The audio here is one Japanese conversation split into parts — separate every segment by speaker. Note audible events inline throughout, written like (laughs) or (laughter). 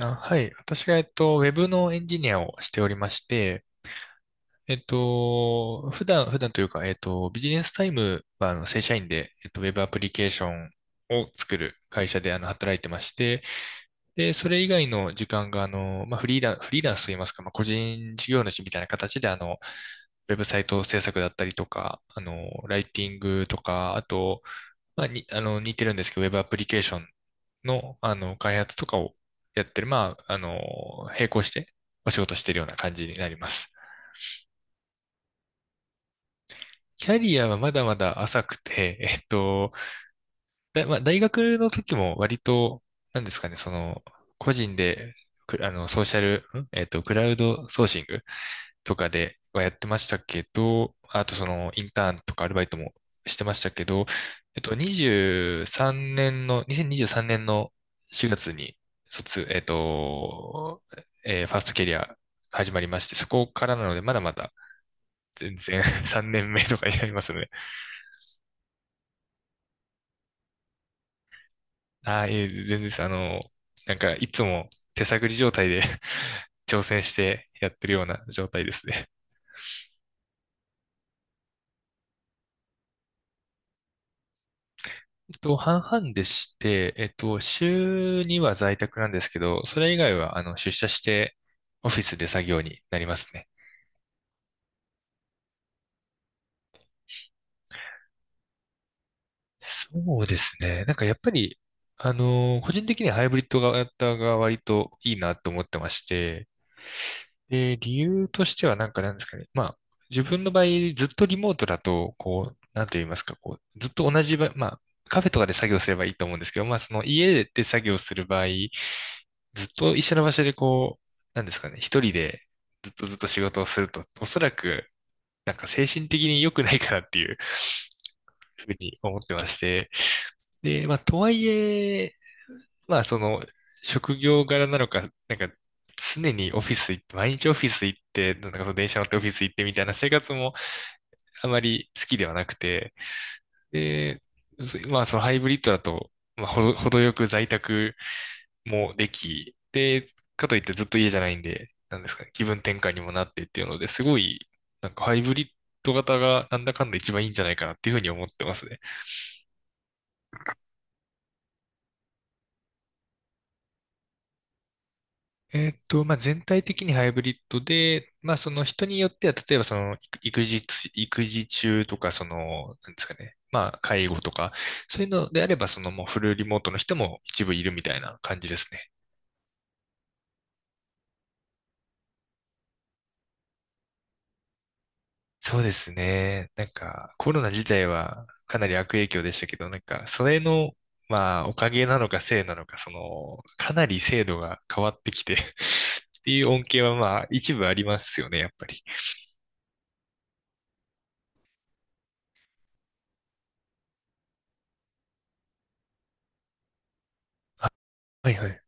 Speaker 1: あ、はい。私が、ウェブのエンジニアをしておりまして、普段というか、ビジネスタイムは、正社員で、ウェブアプリケーションを作る会社で、働いてまして、で、それ以外の時間が、まあ、フリーランスといいますか、まあ、個人事業主みたいな形で、ウェブサイト制作だったりとか、ライティングとか、あと、まあ、に、あの、似てるんですけど、ウェブアプリケーションの、開発とかをやってる、まあ、並行してお仕事してるような感じになります。キャリアはまだまだ浅くて、(laughs) まあ、大学の時も割と、なんですかね、個人で、くあの、ソーシャル、んえっと、クラウドソーシングとかではやってましたけど、あとインターンとかアルバイトもしてましたけど、えっと、23年の、2023年の4月に、卒、えっと、えーファーストキャリア始まりまして、そこからなので、まだまだ全然 (laughs) 3年目とかになりますね。ああ、いえ、全然です。なんか、いつも手探り状態で (laughs) 挑戦してやってるような状態ですね。半々でして、週には在宅なんですけど、それ以外は、出社して、オフィスで作業になりますね。そうですね。なんか、やっぱり、個人的にはハイブリッド型が割といいなと思ってまして、で、理由としてはなんかなんですかね。まあ、自分の場合、ずっとリモートだと、こう、なんと言いますか、こう、ずっと同じ場、まあ、カフェとかで作業すればいいと思うんですけど、まあ、その家で作業する場合、ずっと一緒の場所でこう、なんですかね、一人でずっとずっと仕事をすると、おそらく、なんか精神的に良くないかなっていうふうに思ってまして、で、まあ、とはいえ、まあ、職業柄なのか、なんか、常にオフィス行って、毎日オフィス行って、なんかその電車乗ってオフィス行ってみたいな生活もあまり好きではなくて、で、まあ、そのハイブリッドだと、まあ、程よく在宅もでき、で、かといってずっと家じゃないんで、なんですかね、気分転換にもなってっていうので、すごい、なんかハイブリッド型がなんだかんだ一番いいんじゃないかなっていうふうに思ってますね。まあ、全体的にハイブリッドで、まあ、その人によっては、例えばその育児中とか、なんですかね、まあ、介護とか、そういうのであれば、そのもうフルリモートの人も一部いるみたいな感じですね。そうですね。なんか、コロナ自体はかなり悪影響でしたけど、なんか、それの、まあ、おかげなのかせいなのか、かなり制度が変わってきて (laughs) っていう恩恵は、まあ、一部ありますよね、やっぱり。はいはい。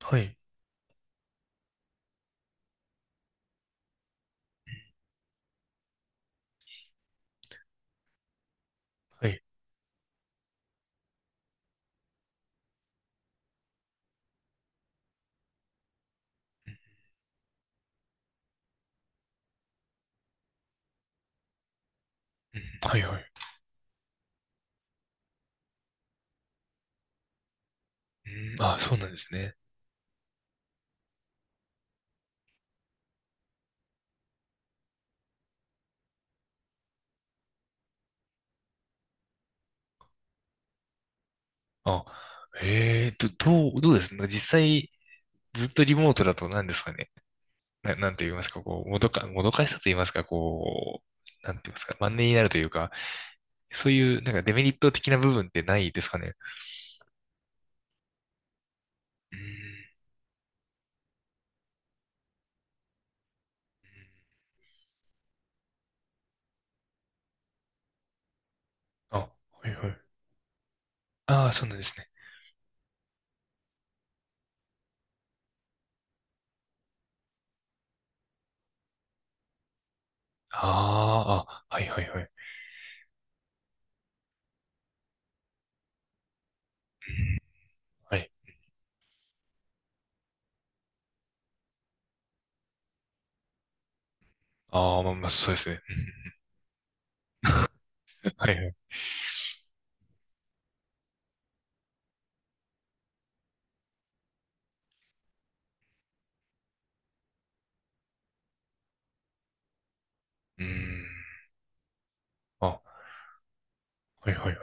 Speaker 1: はい。はい。うんはいはい。うん、あ、そうなんですね。あ、どうですね。実際、ずっとリモートだと何ですかね。なんて言いますか、こう、もどかしさと言いますか、こう、なんて言いますか、マンネリになるというか、そういう、なんかデメリット的な部分ってないですかね。うん。あ、はいはい。ああ、そうなんですね。ああ、あ、はいはいはい。うんはい。ああ、まあまあ、そうですね。うんはいはい。うん。あ、はいはいはい。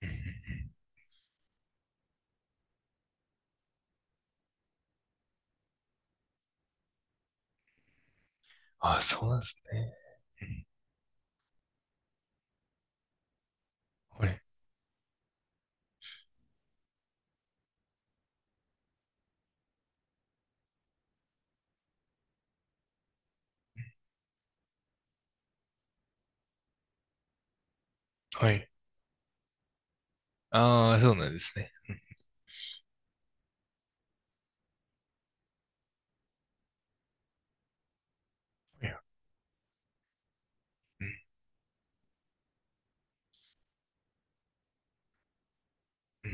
Speaker 1: うんうんうんああ、そうなんですね。うんはい。はい。ああ、そうなんですね。いやうんうん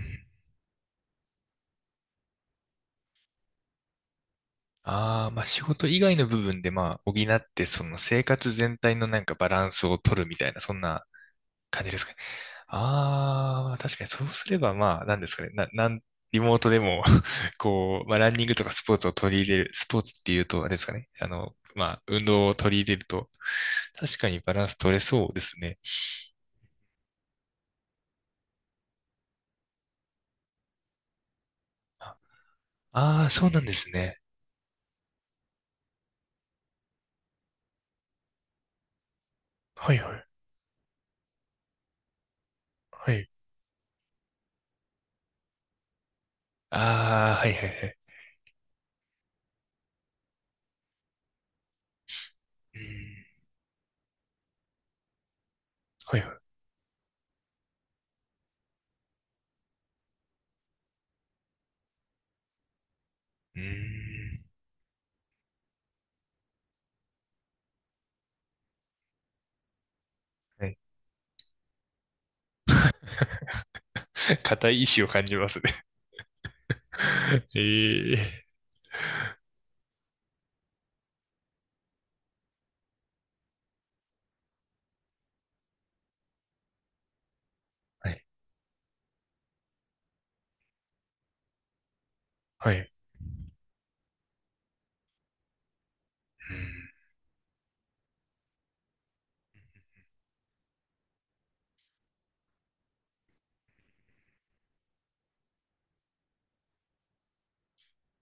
Speaker 1: ああ、まあ仕事以外の部分でまあ補って、その生活全体のなんかバランスを取るみたいな、そんな感じですかね。ああ、確かにそうすればまあ、なんですかね。な、なん、リモートでも (laughs) こう、まあランニングとかスポーツを取り入れる、スポーツっていうと、あれですかね。まあ、運動を取り入れると、確かにバランス取れそうですね。ああー、そうなんですね。はいはい、はい。ああ、はいはいはい。うん、はいはい。うんはい。(laughs) 固い意志を感じますね。(laughs) ええはい。はい。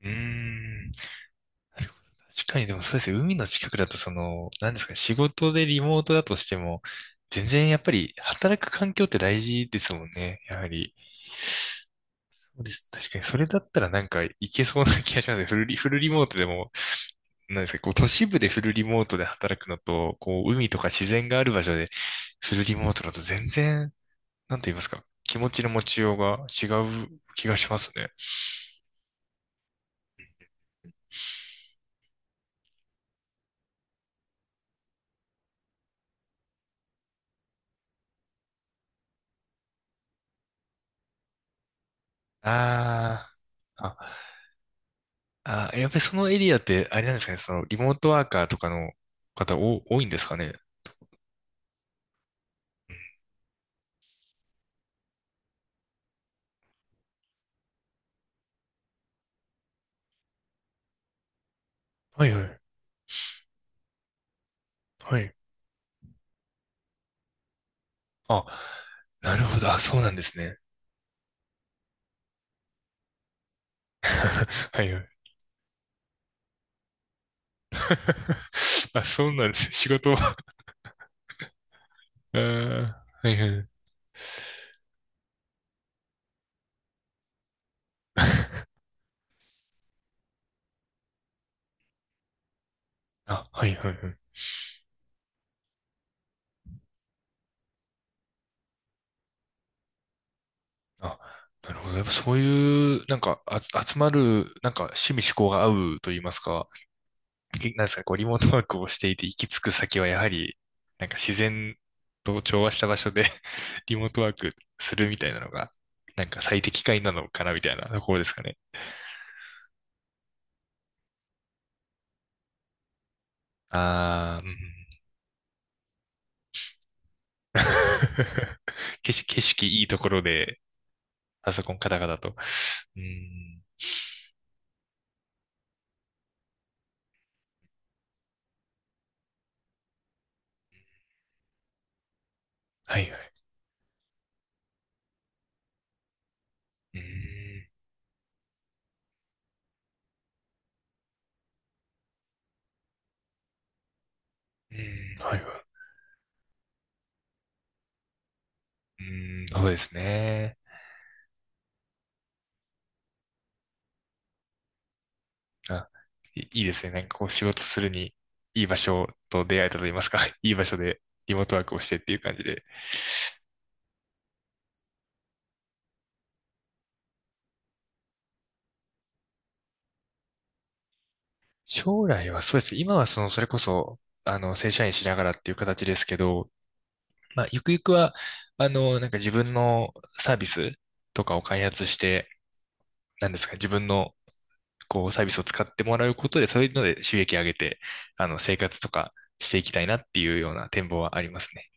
Speaker 1: うん。うーんなるほど。確かにでもそうですね。海の近くだとなんですか、仕事でリモートだとしても、全然やっぱり働く環境って大事ですもんね。やはり。そうです。確かにそれだったらなんかいけそうな気がしますね。フルリモートでも、なんですか、こう都市部でフルリモートで働くのと、こう海とか自然がある場所でフルリモートだと全然なんて言いますか、気持ちの持ちようが違う気がしますね。あーあ、あー、やっぱりそのエリアって、あれなんですかね、そのリモートワーカーとかの方お多いんですかね。はいはい、はい。あ、なるほど、あ、そうなんですね。はいはい。(laughs) あ、そうなんですね。仕事は、えー、はいはい。あ、はいはいはい。あ、なるほど。やっぱそういう、なんか、あ、集まる、なんか、趣味嗜好が合うと言いますか。なんですか、こう、リモートワークをしていて行き着く先はやはり、なんか自然と調和した場所で (laughs) リモートワークするみたいなのが、なんか最適解なのかなみたいなところですかね。あー、うん。(laughs) 景色いいところで、パソコンカタカタと。うん。はいはい。うん。うん。はいはい。うん。そうですね。あ、いいいですね。なんかこう仕事するに、いい場所と出会えたと言いますか、(laughs) いい場所でリモートワークをしてっていう感じで。将来はそうです。今はそれこそ、正社員しながらっていう形ですけど、まあ、ゆくゆくは、なんか自分のサービスとかを開発して、なんですか、自分の、こう、サービスを使ってもらうことで、そういうので収益上げて、生活とかしていきたいなっていうような展望はありますね。